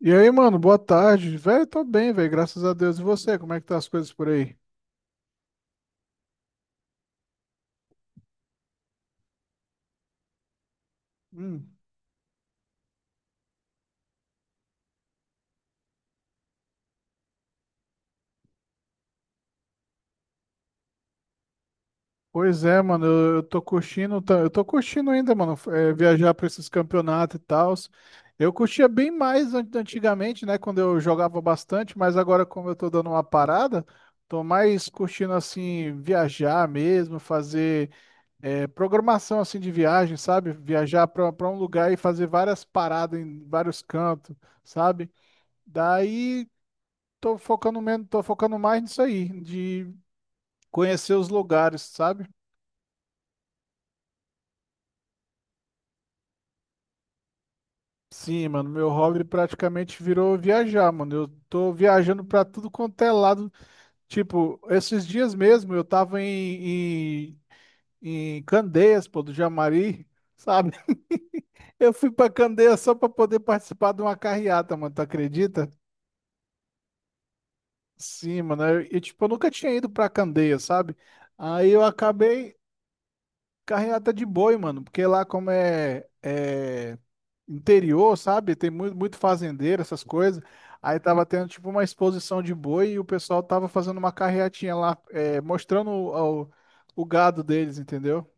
E aí, mano, boa tarde. Velho, tô bem, velho, graças a Deus. E você, como é que tá as coisas por aí? Hum. Pois é, mano, eu tô curtindo, eu tô curtindo ainda, mano, viajar pra esses campeonatos e tal. Eu curtia bem mais antigamente, né, quando eu jogava bastante, mas agora, como eu tô dando uma parada, tô mais curtindo, assim, viajar mesmo, fazer programação, assim, de viagem, sabe? Viajar pra um lugar e fazer várias paradas em vários cantos, sabe? Daí. Tô focando menos, tô focando mais nisso aí, de conhecer os lugares, sabe? Sim, mano, meu hobby praticamente virou viajar, mano. Eu tô viajando pra tudo quanto é lado. Tipo, esses dias mesmo eu tava em Candeias, pô, do Jamari, sabe? Eu fui pra Candeias só pra poder participar de uma carreata, mano, tu acredita? Sim, mano, tipo, eu nunca tinha ido pra Candeia, sabe? Aí eu acabei. Carreata de boi, mano, porque lá como é, é interior, sabe? Tem muito, muito fazendeiro, essas coisas. Aí tava tendo tipo uma exposição de boi e o pessoal tava fazendo uma carreatinha lá, mostrando o gado deles, entendeu?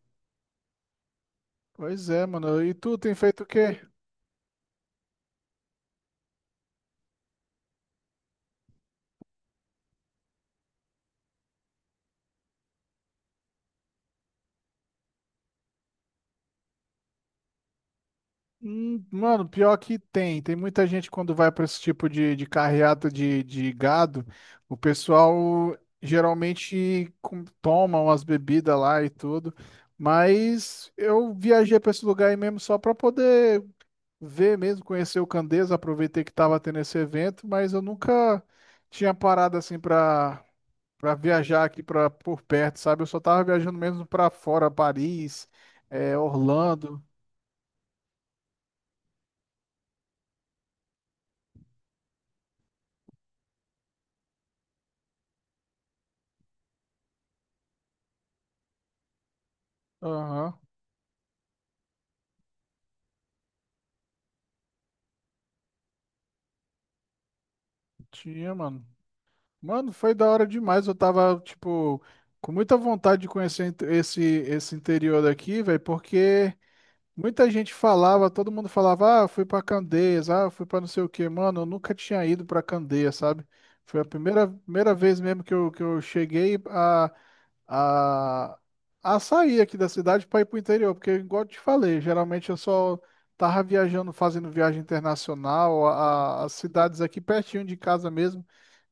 Pois é, mano. E tu tem feito o quê? Mano, pior que tem. Tem muita gente quando vai para esse tipo de carreata de gado, o pessoal geralmente toma umas bebidas lá e tudo. Mas eu viajei para esse lugar aí mesmo só para poder ver mesmo, conhecer o Candeias, aproveitei que estava tendo esse evento, mas eu nunca tinha parado assim para viajar aqui para por perto, sabe? Eu só tava viajando mesmo para fora, Paris, Orlando. Aham, tinha, mano. Mano, foi da hora demais. Eu tava, tipo, com muita vontade de conhecer esse interior daqui, velho, porque muita gente falava, todo mundo falava, ah, fui pra Candeias, ah, fui pra não sei o quê. Mano, eu nunca tinha ido pra Candeias, sabe? Foi a primeira vez mesmo que eu cheguei a, a sair aqui da cidade pra ir pro interior, porque, igual eu te falei, geralmente eu só tava viajando, fazendo viagem internacional, as cidades aqui pertinho de casa mesmo.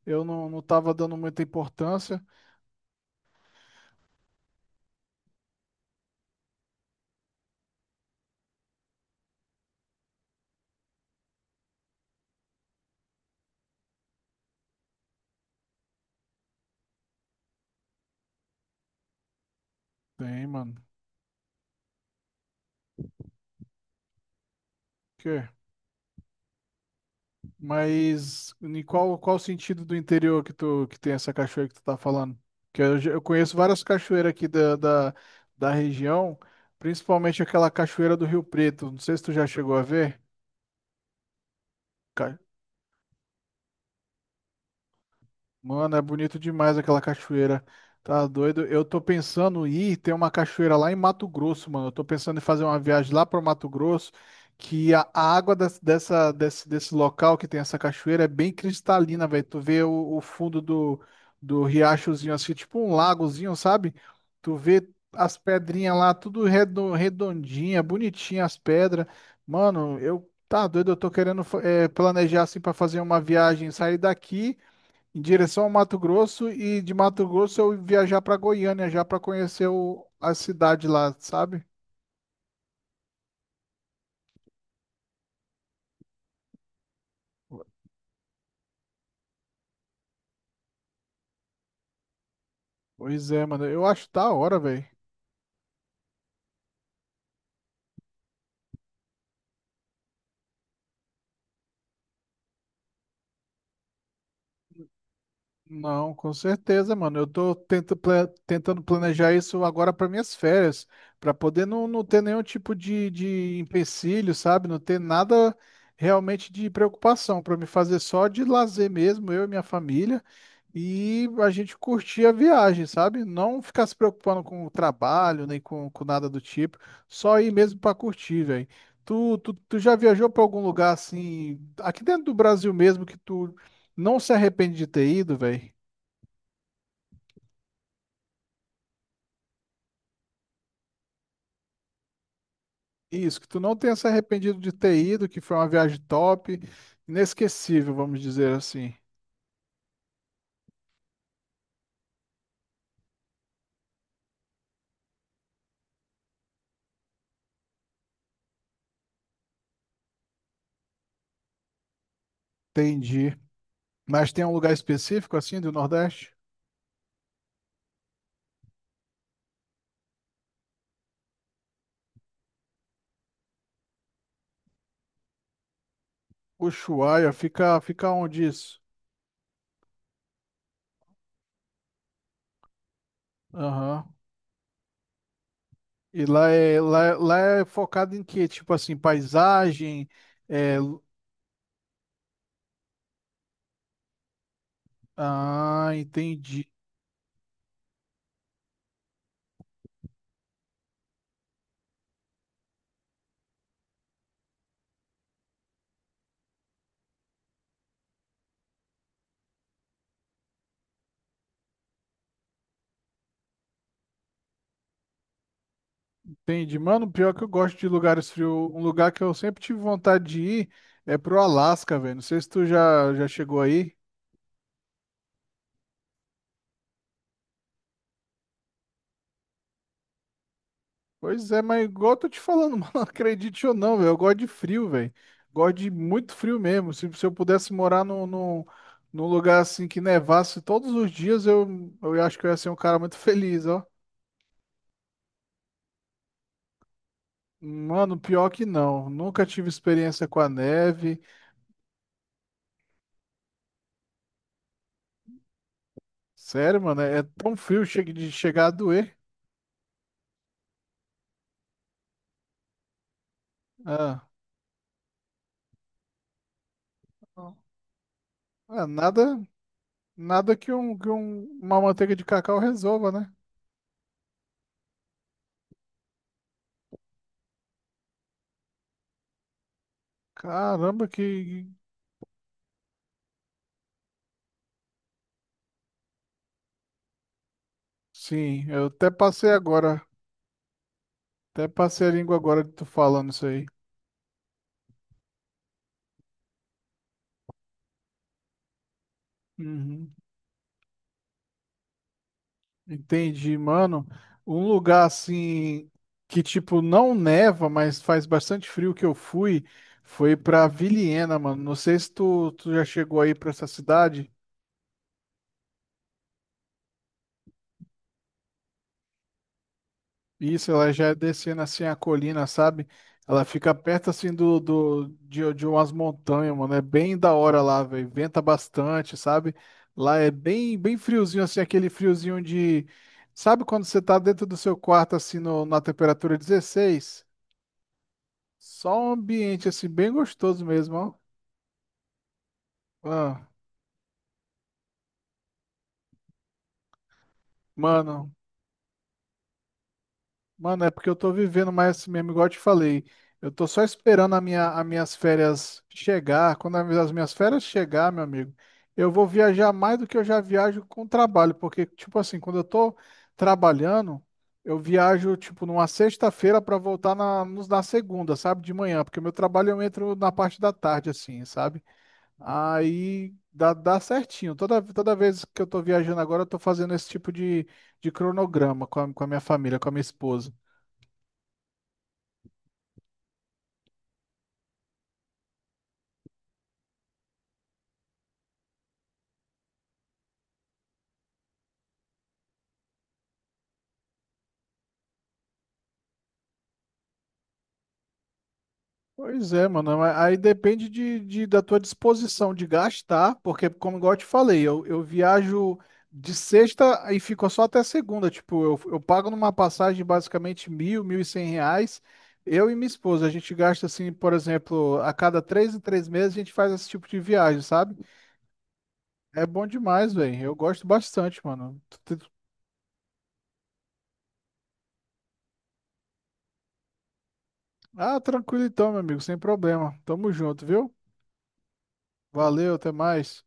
Eu não, não tava dando muita importância. Tem, mano. Que? Mas em qual sentido do interior que tu que tem essa cachoeira que tu tá falando? Eu conheço várias cachoeiras aqui da região, principalmente aquela cachoeira do Rio Preto. Não sei se tu já chegou a ver. Mano, é bonito demais aquela cachoeira. Tá doido? Eu tô pensando em ir, tem uma cachoeira lá em Mato Grosso, mano. Eu tô pensando em fazer uma viagem lá para Mato Grosso, que a água desse local que tem essa cachoeira é bem cristalina, velho. Tu vê o fundo do riachozinho, assim, tipo um lagozinho, sabe? Tu vê as pedrinhas lá, tudo redondinha, bonitinha as pedras. Mano, eu... Tá doido, eu tô querendo planejar assim para fazer uma viagem, sair daqui em direção ao Mato Grosso e de Mato Grosso eu viajar pra Goiânia já pra conhecer a cidade lá, sabe? Pois é, mano. Eu acho da hora, velho. Não, com certeza, mano. Eu tô tentando planejar isso agora para minhas férias, para poder não, não ter nenhum tipo de empecilho, sabe? Não ter nada realmente de preocupação, para me fazer só de lazer mesmo, eu e minha família, e a gente curtir a viagem, sabe? Não ficar se preocupando com o trabalho, nem com nada do tipo, só ir mesmo para curtir, velho. Tu já viajou para algum lugar assim, aqui dentro do Brasil mesmo, que tu não se arrepende de ter ido, velho? Isso, que tu não tenha se arrependido de ter ido, que foi uma viagem top, inesquecível, vamos dizer assim. Entendi. Mas tem um lugar específico assim do Nordeste? Ushuaia, fica onde isso? Aham. E lá é focado em quê? Tipo assim, paisagem, é... lu- Ah, entendi, entendi. Mano, pior que eu gosto de lugares frios. Um lugar que eu sempre tive vontade de ir é pro Alasca, velho. Não sei se tu já chegou aí. Pois é, mas igual eu tô te falando, mano, acredite ou não, velho, eu gosto de frio, velho. Gosto de muito frio mesmo. Se eu pudesse morar num lugar assim que nevasse todos os dias, eu acho que eu ia ser um cara muito feliz, ó. Mano, pior que não. Nunca tive experiência com a neve. Sério, mano, é tão frio chega de chegar a doer. Ah, ah, nada, nada uma manteiga de cacau resolva, né? Caramba, que. Sim, eu até passei agora. Até passei a língua agora de tu falando isso aí. Uhum. Entendi, mano. Um lugar assim que tipo não neva, mas faz bastante frio que eu fui, foi pra Vilhena, mano. Não sei se tu já chegou aí pra essa cidade. Isso, ela já é descendo assim a colina, sabe? Ela fica perto assim de umas montanhas, mano. É bem da hora lá, velho. Venta bastante, sabe? Lá é bem bem friozinho assim, aquele friozinho de, sabe quando você tá dentro do seu quarto assim no, na temperatura 16? Só um ambiente assim bem gostoso mesmo, ó. Ah, mano, é porque eu tô vivendo mais esse mesmo, igual eu te falei. Eu tô só esperando a minha, as minhas férias chegar. Quando as minhas férias chegar, meu amigo, eu vou viajar mais do que eu já viajo com trabalho. Porque, tipo assim, quando eu tô trabalhando, eu viajo, tipo, numa sexta-feira pra voltar na segunda, sabe? De manhã. Porque meu trabalho eu entro na parte da tarde, assim, sabe? Aí dá certinho. Toda vez que eu tô viajando agora, eu tô fazendo esse tipo de cronograma com a minha família, com a minha esposa. Pois é, mano. Mas aí depende da tua disposição de gastar, porque, como igual eu te falei, eu viajo de sexta e fico só até segunda. Tipo, eu pago numa passagem basicamente mil, R$ 1.100. Eu e minha esposa, a gente gasta assim, por exemplo, a cada 3 em 3 meses a gente faz esse tipo de viagem, sabe? É bom demais, velho. Eu gosto bastante, mano. Ah, tranquilo então, meu amigo, sem problema. Tamo junto, viu? Valeu, até mais.